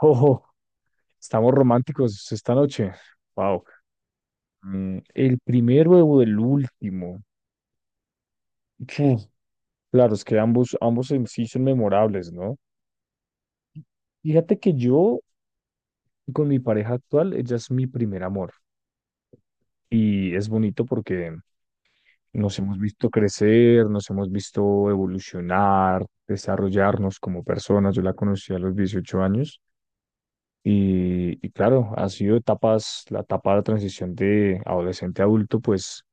Ojo, estamos románticos esta noche. Wow. El primero o el último. Uf, Claro, es que ambos en sí son memorables, ¿no? Fíjate que yo, con mi pareja actual, ella es mi primer amor. Y es bonito porque nos hemos visto crecer, nos hemos visto evolucionar, desarrollarnos como personas. Yo la conocí a los 18 años. Y claro, ha sido etapas, la etapa de transición de adolescente a adulto, pues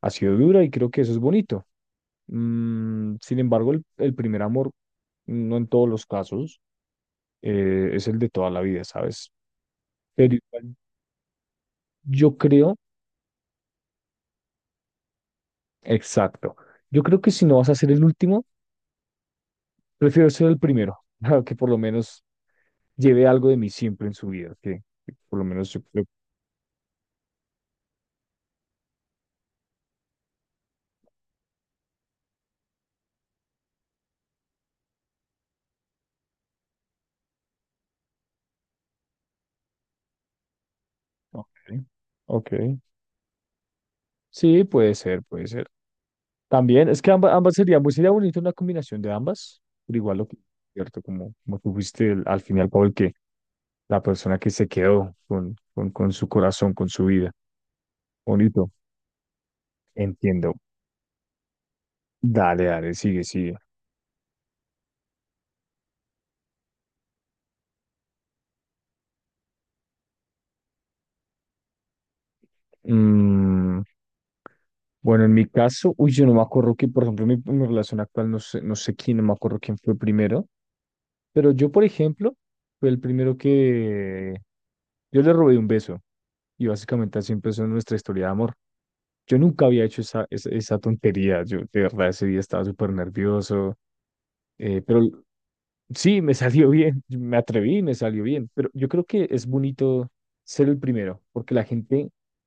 ha sido dura y creo que eso es bonito. Sin embargo, el primer amor, no en todos los casos, es el de toda la vida, ¿sabes? Pero igual yo creo, exacto, yo creo que si no vas a ser el último, prefiero ser el primero, para que por lo menos lleve algo de mí siempre en su vida, que por lo menos yo creo. Ok, ok. Sí, puede ser, puede ser. También, es que ambas serían, pues sería bonito una combinación de ambas, pero igual lo que, cierto, como tú fuiste al final, Paul, la persona que se quedó con su corazón, con su vida. Bonito, entiendo. Dale, dale, sigue, sigue. Mm, bueno, en mi caso, uy, yo no me acuerdo que, por ejemplo, mi relación actual, no sé, no sé quién, no me acuerdo quién fue primero, pero yo, por ejemplo, fue el primero que yo le robé un beso y básicamente así empezó nuestra historia de amor. Yo nunca había hecho esa tontería, yo de verdad ese día estaba súper nervioso, pero Sí, me salió bien, me atreví, me salió bien, pero yo creo que es bonito ser el primero, porque la gente,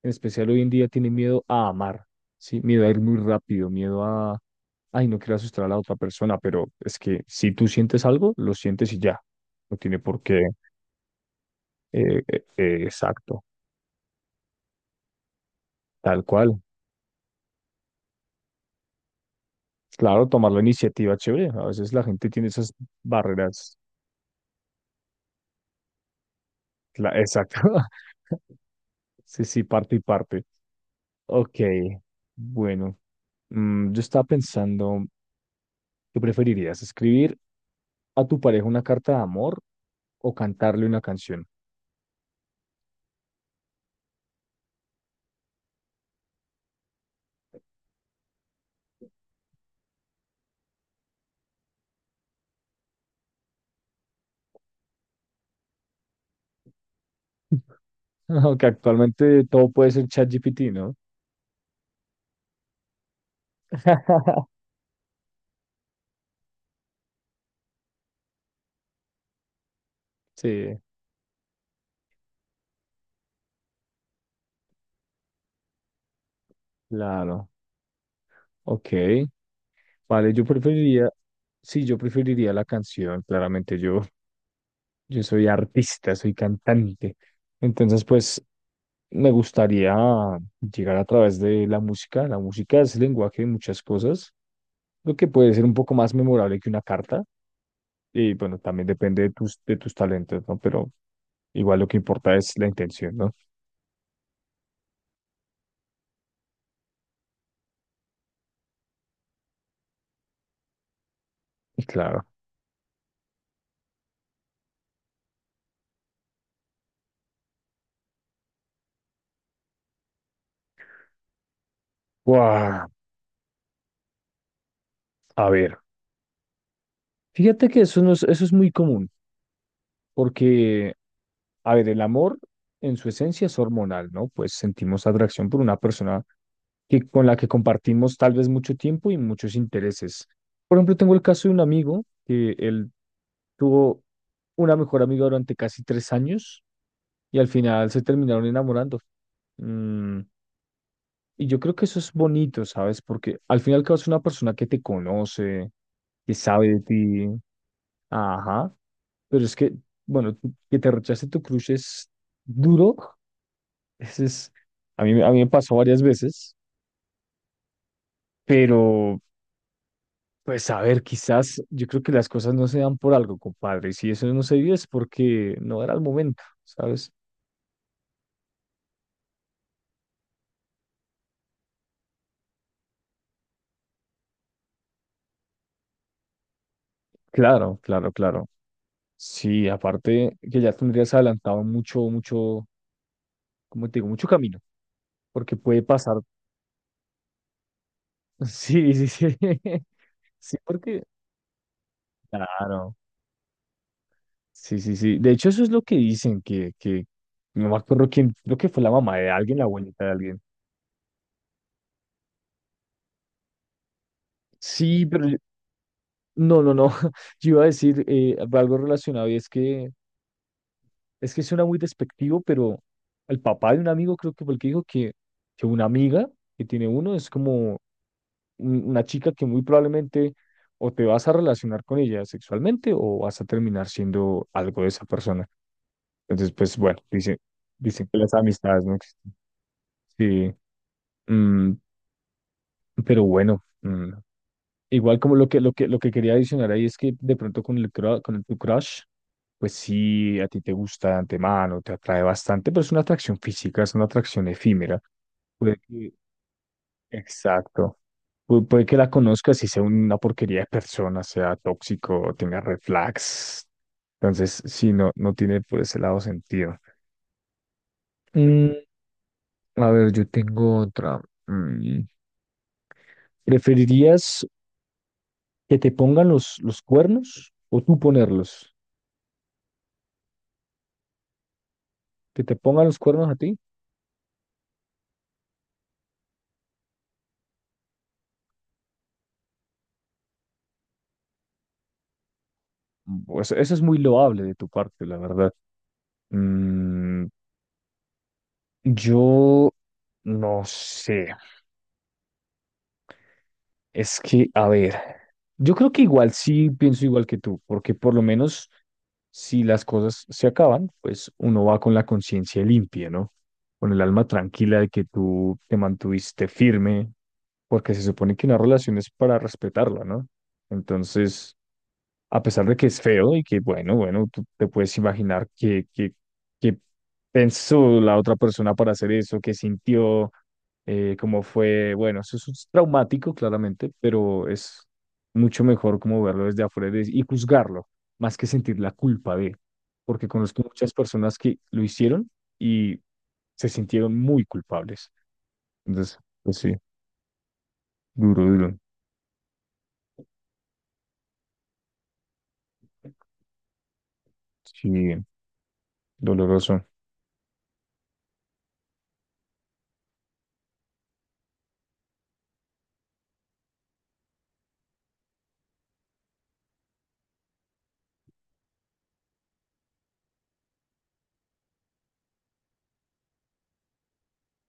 en especial hoy en día, tiene miedo a amar, ¿sí? Miedo a ir muy rápido, ay, no quiero asustar a la otra persona, pero es que si tú sientes algo, lo sientes y ya, no tiene por qué, exacto, tal cual. Claro, tomar la iniciativa, chévere, a veces la gente tiene esas barreras, exacto. Sí, sí, parte y parte. Ok, bueno. Yo estaba pensando, ¿qué preferirías? ¿Escribir a tu pareja una carta de amor o cantarle una canción? Aunque actualmente todo puede ser ChatGPT, ¿no? Sí, claro. Ok. Vale, yo preferiría, sí, yo preferiría la canción, claramente yo. Yo soy artista, soy cantante. Entonces, pues me gustaría llegar a través de la música. La música es el lenguaje de muchas cosas, lo que puede ser un poco más memorable que una carta. Y bueno, también depende de de tus talentos, ¿no? Pero igual lo que importa es la intención, ¿no? Y claro. ¡Guau! A ver, fíjate que eso, no es, eso es muy común, porque, a ver, el amor en su esencia es hormonal, ¿no? Pues sentimos atracción por una persona que con la que compartimos tal vez mucho tiempo y muchos intereses. Por ejemplo, tengo el caso de un amigo que él tuvo una mejor amiga durante casi 3 años y al final se terminaron enamorando. Mm, y yo creo que eso es bonito, ¿sabes? Porque al final que es una persona que te conoce, que sabe de ti, ajá, pero es que, bueno, que te rechace tu crush es duro, ese es, a mí me pasó varias veces, pero pues a ver, quizás yo creo que las cosas no se dan por algo, compadre. Y si eso no se dio es porque no era el momento, ¿sabes? Claro, claro, claro. Sí, aparte que ya tendrías adelantado mucho, mucho, como te digo, mucho camino, porque puede pasar. Sí, sí, sí. Sí, porque, claro, sí, sí, sí. De hecho, eso es lo que dicen, no me acuerdo quién, creo que fue la mamá de alguien, la abuelita de alguien. Sí, pero no, no, no. Yo iba a decir algo relacionado y es que es que suena muy despectivo, pero el papá de un amigo creo que fue el que dijo que una amiga que tiene uno es como una chica que muy probablemente o te vas a relacionar con ella sexualmente o vas a terminar siendo algo de esa persona. Entonces, pues bueno, dicen, dicen que las amistades no existen. Sí, mm, pero bueno, igual como lo que, lo que quería adicionar ahí es que de pronto con con el, tu crush, pues sí, a ti te gusta de antemano, te atrae bastante, pero es una atracción física, es una atracción efímera. Puede que, exacto. Puede que la conozcas y sea una porquería de persona, sea tóxico, tenga red flags. Entonces, sí, no, no tiene por ese lado sentido. Mm, a ver, yo tengo otra. Mm, ¿Preferirías que te pongan los cuernos o tú ponerlos? Que te pongan los cuernos a ti, pues eso es muy loable de tu parte, la verdad. Mm, yo no sé, es que, a ver, yo creo que igual sí pienso igual que tú, porque por lo menos si las cosas se acaban, pues uno va con la conciencia limpia, ¿no? Con el alma tranquila de que tú te mantuviste firme, porque se supone que una relación es para respetarla, ¿no? Entonces a pesar de que es feo y que, bueno, bueno, tú te puedes imaginar que pensó la otra persona para hacer eso, qué sintió, cómo fue, bueno, eso es traumático, claramente, pero es mucho mejor como verlo desde afuera y juzgarlo, más que sentir la culpa de, porque conozco muchas personas que lo hicieron y se sintieron muy culpables. Entonces, pues sí, duro, duro. Sí, doloroso.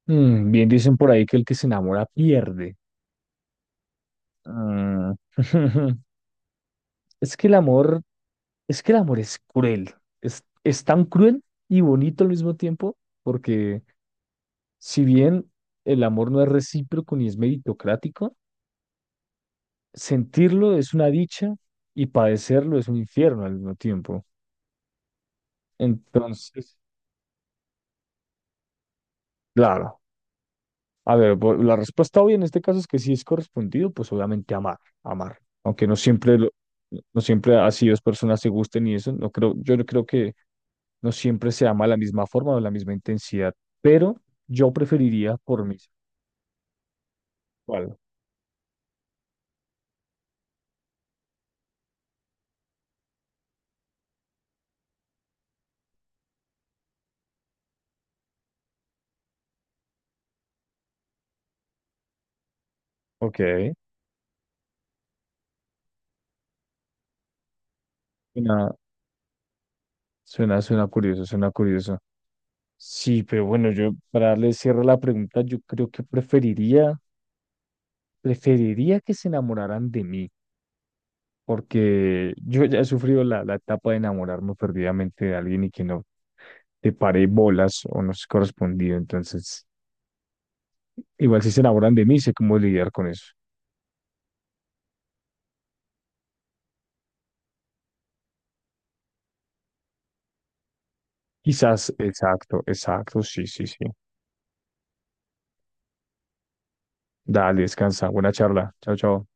Bien dicen por ahí que el que se enamora pierde. Mm, Es que el amor, es que el amor es cruel. Es tan cruel y bonito al mismo tiempo, porque si bien el amor no es recíproco ni es meritocrático, sentirlo es una dicha y padecerlo es un infierno al mismo tiempo. Entonces, claro. A ver, la respuesta obvia en este caso es que si es correspondido, pues obviamente amar, amar. Aunque no siempre no siempre así dos personas se gusten y eso, no creo, yo no creo que no siempre se ama de la misma forma o de la misma intensidad, pero yo preferiría por mí. Vale. Ok. Suena, suena curioso, suena curioso. Sí, pero bueno, yo para darle cierre a la pregunta, yo creo que preferiría que se enamoraran de mí, porque yo ya he sufrido la etapa de enamorarme perdidamente de alguien y que no te paré bolas o no se correspondido. Entonces, igual si se enamoran de mí, sé cómo lidiar con eso. Quizás, exacto, exacto, sí, sí, sí. Dale, descansa. Buena charla. Chao, chao.